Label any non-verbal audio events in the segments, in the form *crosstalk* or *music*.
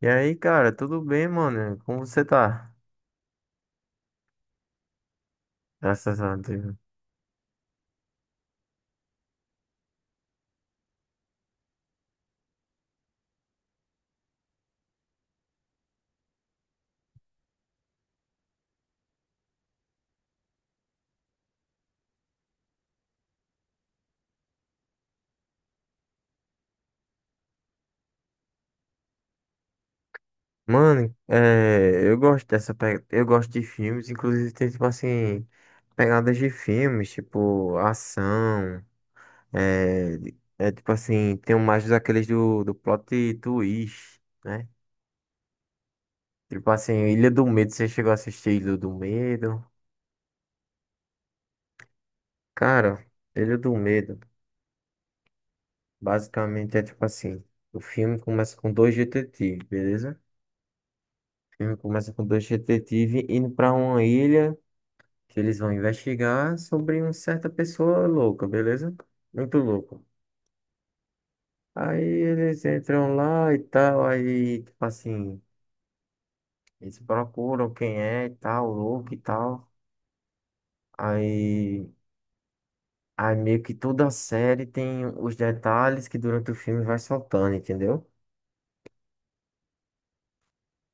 E aí, cara, tudo bem, mano? Como você tá? Graças a Deus. Mano, é, eu gosto eu gosto de filmes, inclusive tem tipo assim, pegadas de filmes, tipo ação, é, é tipo assim, tem um mais daqueles do plot twist, né? Tipo assim, Ilha do Medo, você chegou a assistir Ilha do Medo? Cara, Ilha do Medo, basicamente é tipo assim, o filme começa com dois detetives, beleza? O filme começa com dois detetives indo para uma ilha que eles vão investigar sobre uma certa pessoa louca, beleza? Muito louca. Aí eles entram lá e tal, aí, tipo assim, eles procuram quem é e tal, louco e tal. Aí, aí meio que toda a série tem os detalhes que durante o filme vai soltando, entendeu?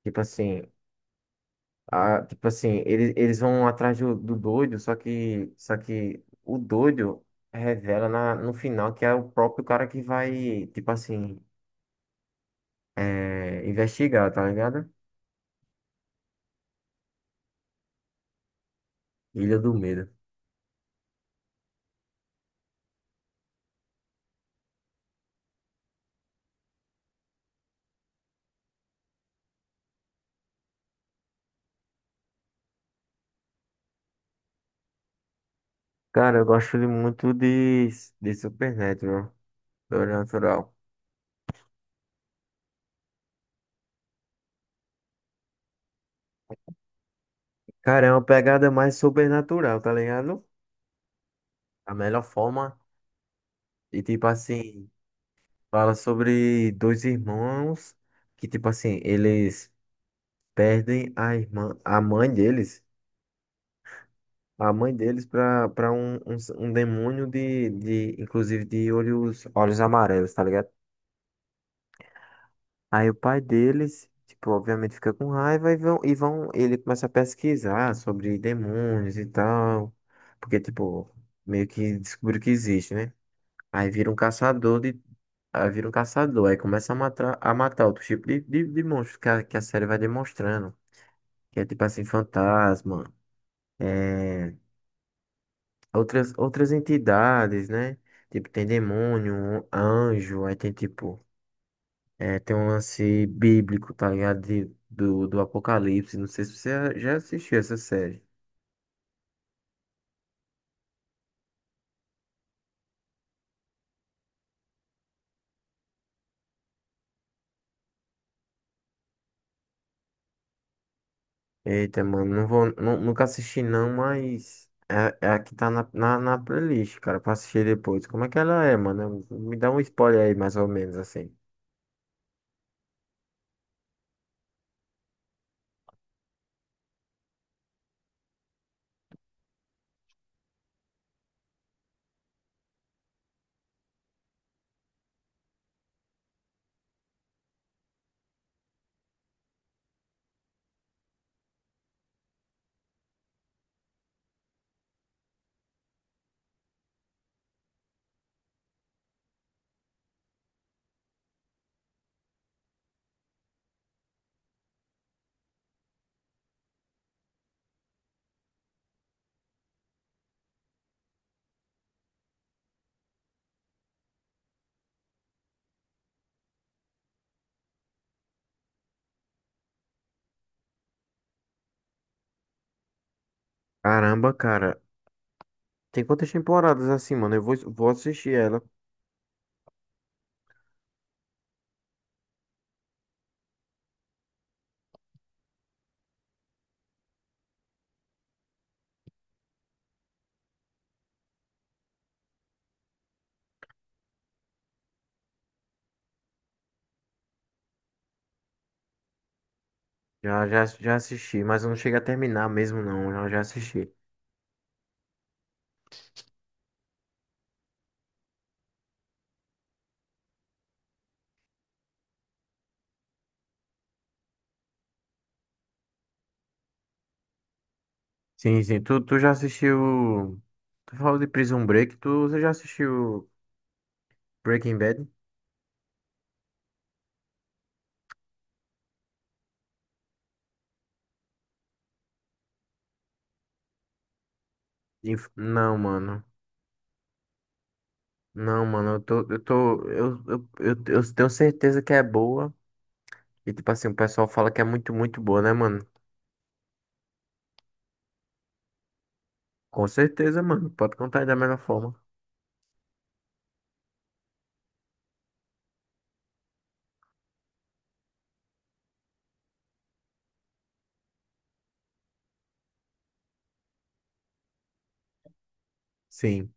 Tipo assim, ah, tipo assim, eles vão atrás do doido, só que o doido revela no final que é o próprio cara que vai, tipo assim, é, investigar, tá ligado? Ilha do Medo. Cara, eu gosto de muito de Supernatural, Sobrenatural. Cara, é uma pegada mais sobrenatural, tá ligado? A melhor forma. E tipo assim, fala sobre dois irmãos que, tipo assim, eles perdem a irmã, a mãe deles. A mãe deles para um, um, um demônio de, inclusive, de olhos, olhos amarelos, tá ligado? Aí o pai deles, tipo, obviamente fica com raiva ele começa a pesquisar sobre demônios e tal, porque, tipo, meio que descobriu que existe, né? Aí vira um caçador de, aí vira um caçador, aí começa a matar outro tipo de monstros que que a série vai demonstrando, que é tipo assim, fantasma, é outras, outras entidades, né? Tipo, tem demônio, anjo, aí tem tipo, é, tem um lance bíblico, tá ligado? De, do Apocalipse. Não sei se você já assistiu essa série. Eita, mano, nunca assisti não, mas é, é a que tá na playlist, cara, pra assistir depois. Como é que ela é, mano? Me dá um spoiler aí, mais ou menos, assim. Caramba, cara, tem quantas temporadas assim, mano? Vou assistir ela. Já assisti, mas eu não cheguei a terminar mesmo, não. Eu já assisti. Sim, sim. Tu já assistiu. Tu falou de Prison Break. Tu, você já assistiu Breaking Bad? Não, mano. Não, mano. Eu tô. Eu tô. Eu tenho certeza que é boa. E tipo assim, o pessoal fala que é muito, muito boa, né, mano? Com certeza, mano. Pode contar aí da melhor forma. Sim,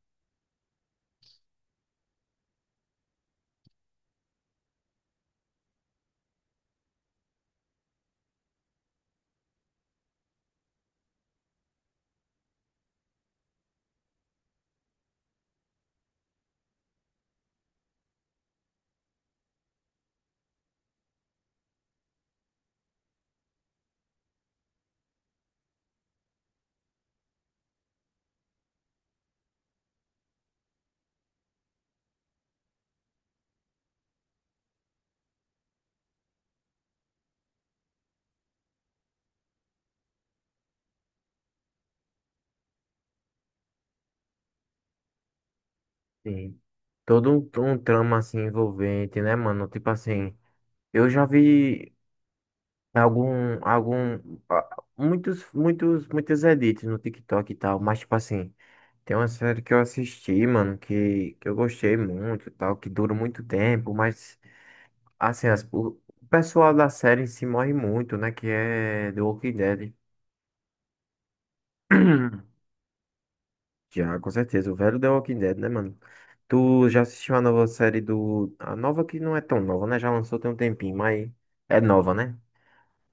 sim. Todo um, um trama assim envolvente, né, mano? Tipo assim. Eu já vi. Algum, algum, ah, muitos, muitos, muitos edits no TikTok e tal, mas tipo assim, tem uma série que eu assisti, mano, que eu gostei muito e tal, que dura muito tempo, mas assim, o pessoal da série em si morre muito, né, que é The Walking Dead. *clears throat* Já, com certeza, o velho The Walking Dead, né, mano? Tu já assistiu a nova série do... A nova que não é tão nova, né? Já lançou tem um tempinho, mas é nova, né?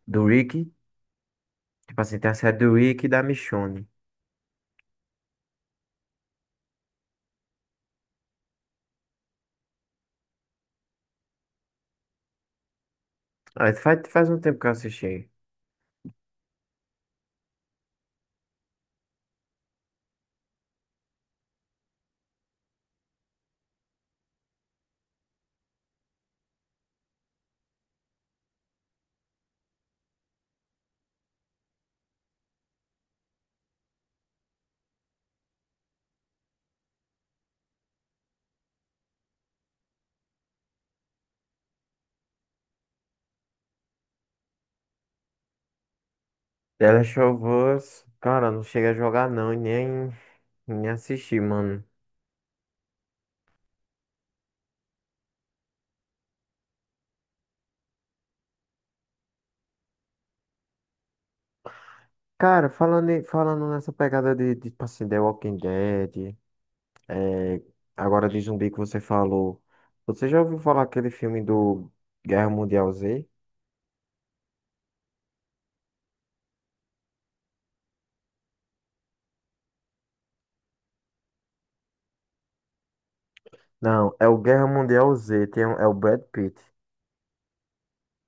Do Rick, tipo assim, tem a série do Rick e da Michonne. Ah, isso faz um tempo que eu assisti. The Last of Us, cara, não chega a jogar não e nem assistir, mano. Cara, falando nessa pegada tipo assim, The Walking Dead, é, agora de zumbi que você falou, você já ouviu falar aquele filme do Guerra Mundial Z? Não, é o Guerra Mundial Z, tem, é o Brad Pitt.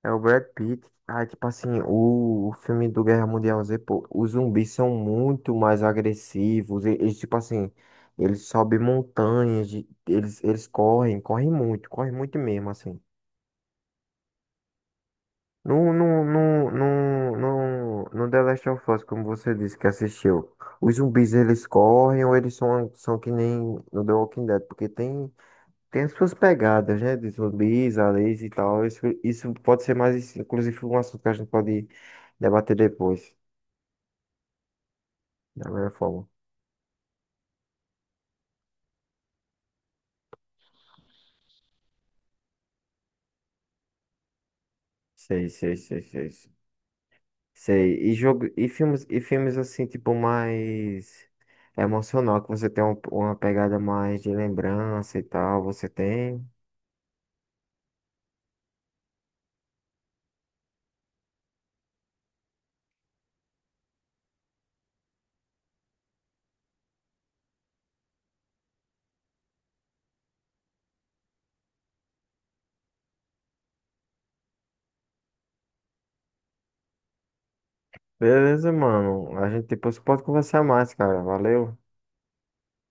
É o Brad Pitt. Ah, tipo assim, o filme do Guerra Mundial Z, pô, os zumbis são muito mais agressivos. Eles, tipo assim, eles sobem montanhas, de- eles correm, correm muito mesmo, assim. No The Last of Us, como você disse que assistiu, os zumbis eles correm ou eles são, são que nem no The Walking Dead? Porque tem. Tem as suas pegadas, né? De zumbis, aliens e tal. Isso pode ser mais, isso, inclusive, um assunto que a gente pode debater depois, da melhor forma. Sei, sei, sei, sei. Sei. Sei. E jogo, e filmes assim, tipo, mais emocional, que você tem uma pegada mais de lembrança e tal, você tem. Beleza, mano. A gente depois pode conversar mais, cara. Valeu.